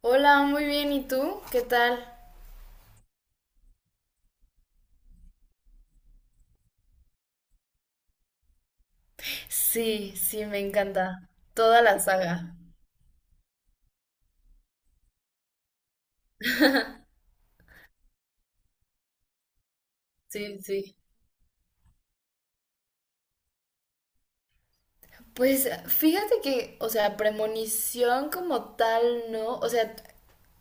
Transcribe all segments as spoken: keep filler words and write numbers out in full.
Hola, muy bien. ¿Y tú? ¿Qué tal? Sí, sí, me encanta. Toda la saga. Sí, sí. Pues fíjate que, o sea, premonición como tal, ¿no? O sea,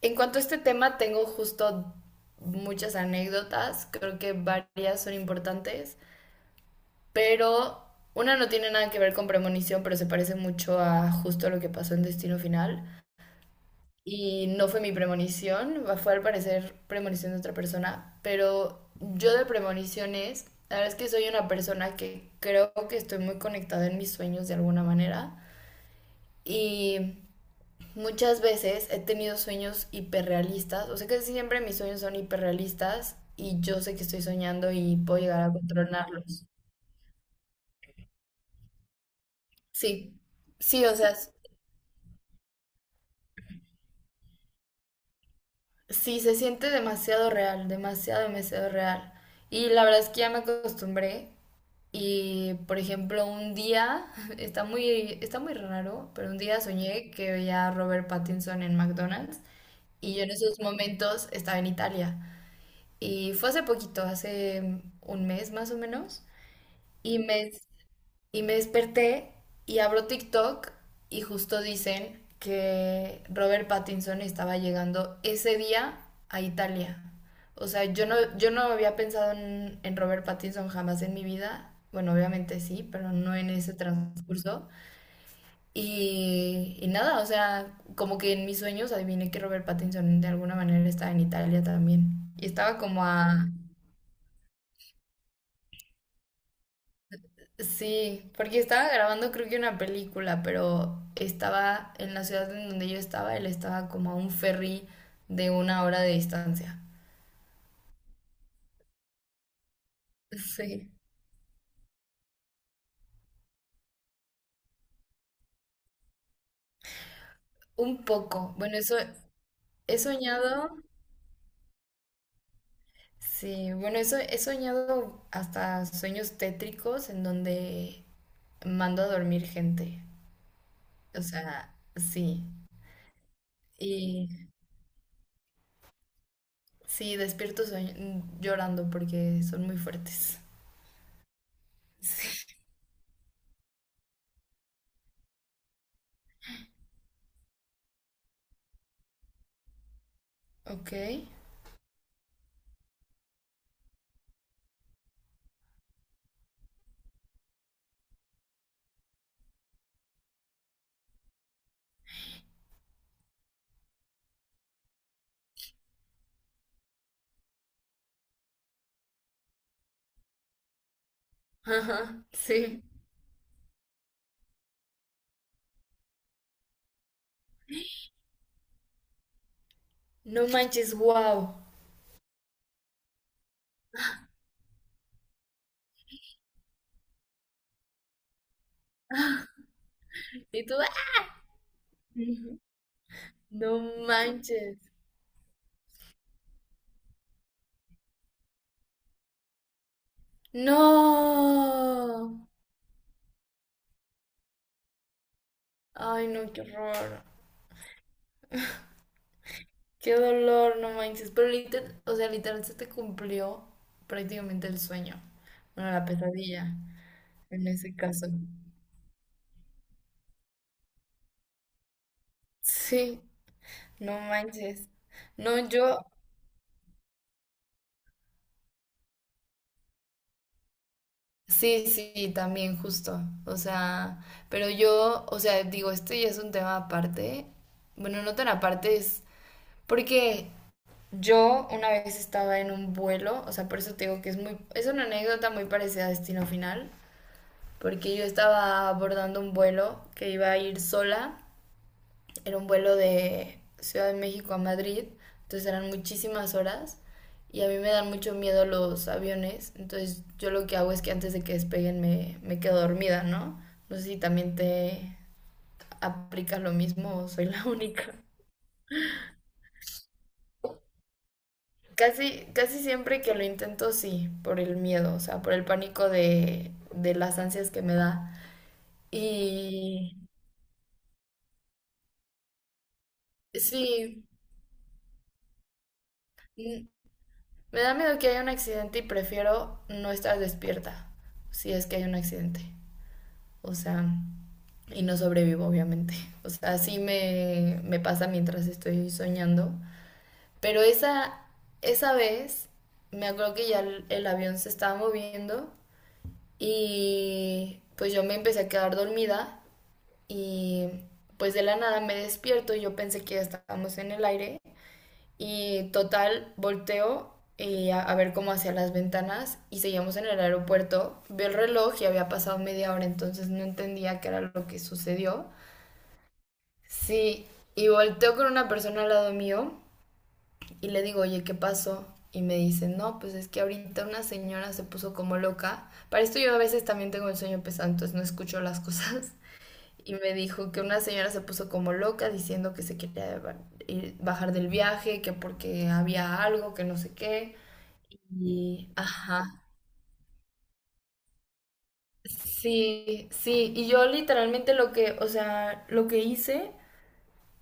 en cuanto a este tema, tengo justo muchas anécdotas. Creo que varias son importantes. Pero una no tiene nada que ver con premonición, pero se parece mucho a justo lo que pasó en Destino Final. Y no fue mi premonición, fue al parecer premonición de otra persona, pero yo de premoniciones, la verdad es que soy una persona que creo que estoy muy conectada en mis sueños de alguna manera y muchas veces he tenido sueños hiperrealistas, o sea que siempre mis sueños son hiperrealistas y yo sé que estoy soñando y puedo llegar a controlarlos. Sí, sí, o sea, s- sí se siente demasiado real, demasiado, demasiado real. Y la verdad es que ya me acostumbré. Y, por ejemplo, un día, está muy, está muy raro, pero un día soñé que veía a Robert Pattinson en McDonald's y yo en esos momentos estaba en Italia. Y fue hace poquito, hace un mes más o menos, y me, y me desperté y abro TikTok y justo dicen que Robert Pattinson estaba llegando ese día a Italia. O sea, yo no, yo no había pensado en, en Robert Pattinson jamás en mi vida. Bueno, obviamente sí, pero no en ese transcurso. Y, y nada, o sea, como que en mis sueños adiviné que Robert Pattinson de alguna manera estaba en Italia también. Y estaba como a... Sí, porque estaba grabando creo que una película, pero estaba en la ciudad en donde yo estaba, él estaba como a un ferry de una hora de distancia. Sí, un poco. Bueno, eso he soñado, sí, bueno, eso he soñado hasta sueños tétricos en donde mando a dormir gente. O sea, sí. Y sí, despierto soñ- llorando porque son muy fuertes. Sí. Ok. Ajá, sí. No manches, wow. Y tú, ¡ah! Ujú. No manches. No. Ay, no, qué horror. Qué dolor, no manches. Pero literal, o sea, literal se te cumplió prácticamente el sueño. Bueno, la pesadilla, en ese caso. Sí, no manches. No, yo, sí, sí, también justo. O sea, pero yo, o sea, digo, esto ya es un tema aparte. Bueno, no tan aparte es porque yo una vez estaba en un vuelo, o sea, por eso te digo que es muy, es una anécdota muy parecida a Destino Final, porque yo estaba abordando un vuelo que iba a ir sola, era un vuelo de Ciudad de México a Madrid, entonces eran muchísimas horas y a mí me dan mucho miedo los aviones, entonces yo lo que hago es que antes de que despeguen me, me quedo dormida, ¿no? No sé si también te aplicas lo mismo o soy la única. Casi, casi siempre que lo intento, sí, por el miedo, o sea, por el pánico de, de las ansias que me da. Y sí, mm, me da miedo que haya un accidente y prefiero no estar despierta si es que hay un accidente. O sea, y no sobrevivo, obviamente. O sea, así me, me pasa mientras estoy soñando. Pero esa, esa vez, me acuerdo que ya el el avión se estaba moviendo. Y pues yo me empecé a quedar dormida y pues de la nada me despierto y yo pensé que ya estábamos en el aire y total volteo y a, a ver cómo hacia las ventanas y seguíamos en el aeropuerto. Veo el reloj y había pasado media hora, entonces no entendía qué era lo que sucedió. Sí, y volteo con una persona al lado mío y le digo, oye, ¿qué pasó? Y me dice, no, pues es que ahorita una señora se puso como loca. Para esto yo a veces también tengo el sueño pesado, entonces no escucho las cosas. Y me dijo que una señora se puso como loca diciendo que se quería ba- ir- bajar del viaje, que porque había algo, que no sé qué. Y, ajá, sí, sí, y yo literalmente lo que, o sea, lo que hice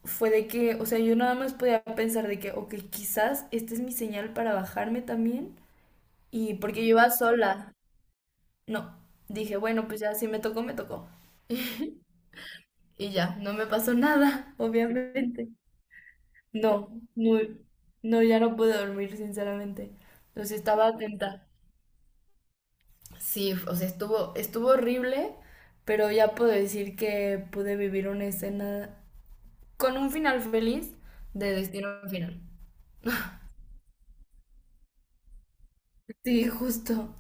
fue de que, o sea, yo nada más podía pensar de que, ok, quizás esta es mi señal para bajarme también, y porque yo iba sola, no, dije, bueno, pues ya si me tocó, me tocó. Y ya, no me pasó nada, obviamente. No, no, no, ya no pude dormir, sinceramente. O sea, estaba atenta. Sí, o sea, estuvo, estuvo horrible, pero ya puedo decir que pude vivir una escena con un final feliz de Destino Final. Sí, justo.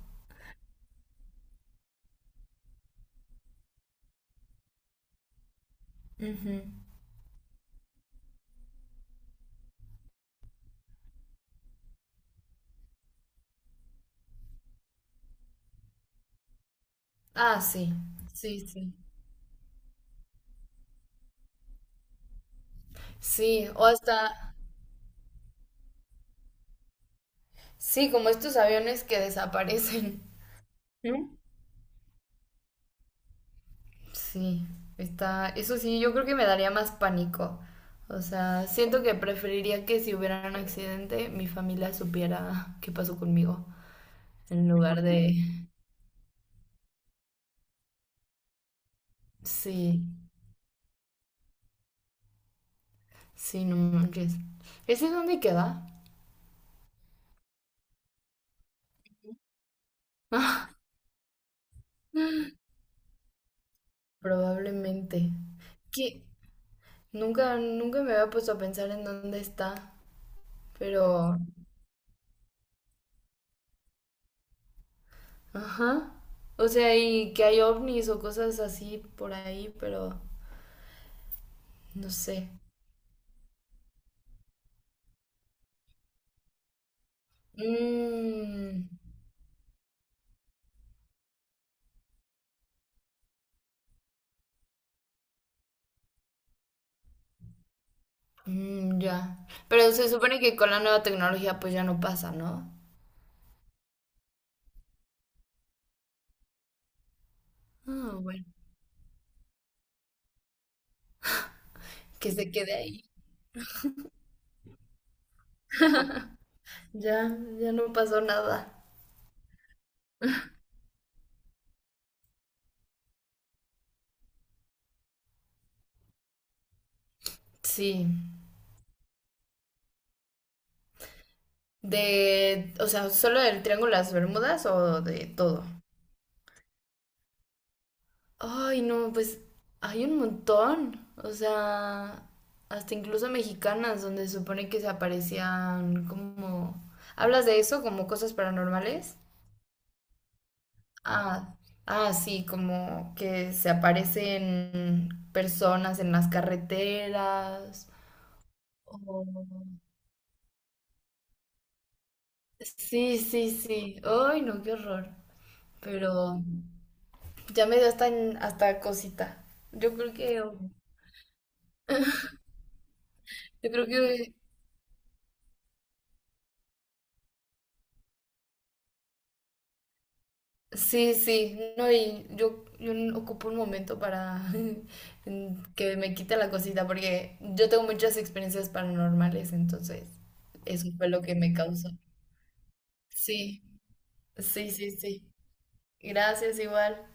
Ujú. Ah, sí, sí, sí. Sí, o hasta, sí, como estos aviones que desaparecen. ¿No? Sí, está, eso sí, yo creo que me daría más pánico. O sea, siento que preferiría que si hubiera un accidente, mi familia supiera qué pasó conmigo, en lugar de... Sí, sí, no manches. ¿Ese dónde queda? Probablemente. Que nunca, nunca me había puesto a pensar en dónde está, pero... Ajá. O sea, y que hay ovnis o cosas así por ahí, pero... No sé. Mm. Mm, ya. Pero se supone que con la nueva tecnología pues ya no pasa, ¿no? Ah, bueno. Que se quede ahí. Ya, ya no pasó nada. Sí. De, o sea, solo del Triángulo de las Bermudas o de todo. Ay, no, pues hay un montón. O sea, hasta incluso mexicanas donde se supone que se aparecían como... ¿Hablas de eso como cosas paranormales? Ah, ah, sí, como que se aparecen personas en las carreteras. o- Sí, sí, sí. Ay, no, qué horror. Pero ya me dio hasta, hasta cosita. Yo creo que, oh, yo creo que sí, sí. No, y yo, yo no ocupo un momento para que me quite la cosita, porque yo tengo muchas experiencias paranormales, entonces eso fue lo que me causó. Sí, sí, sí, sí. Gracias igual.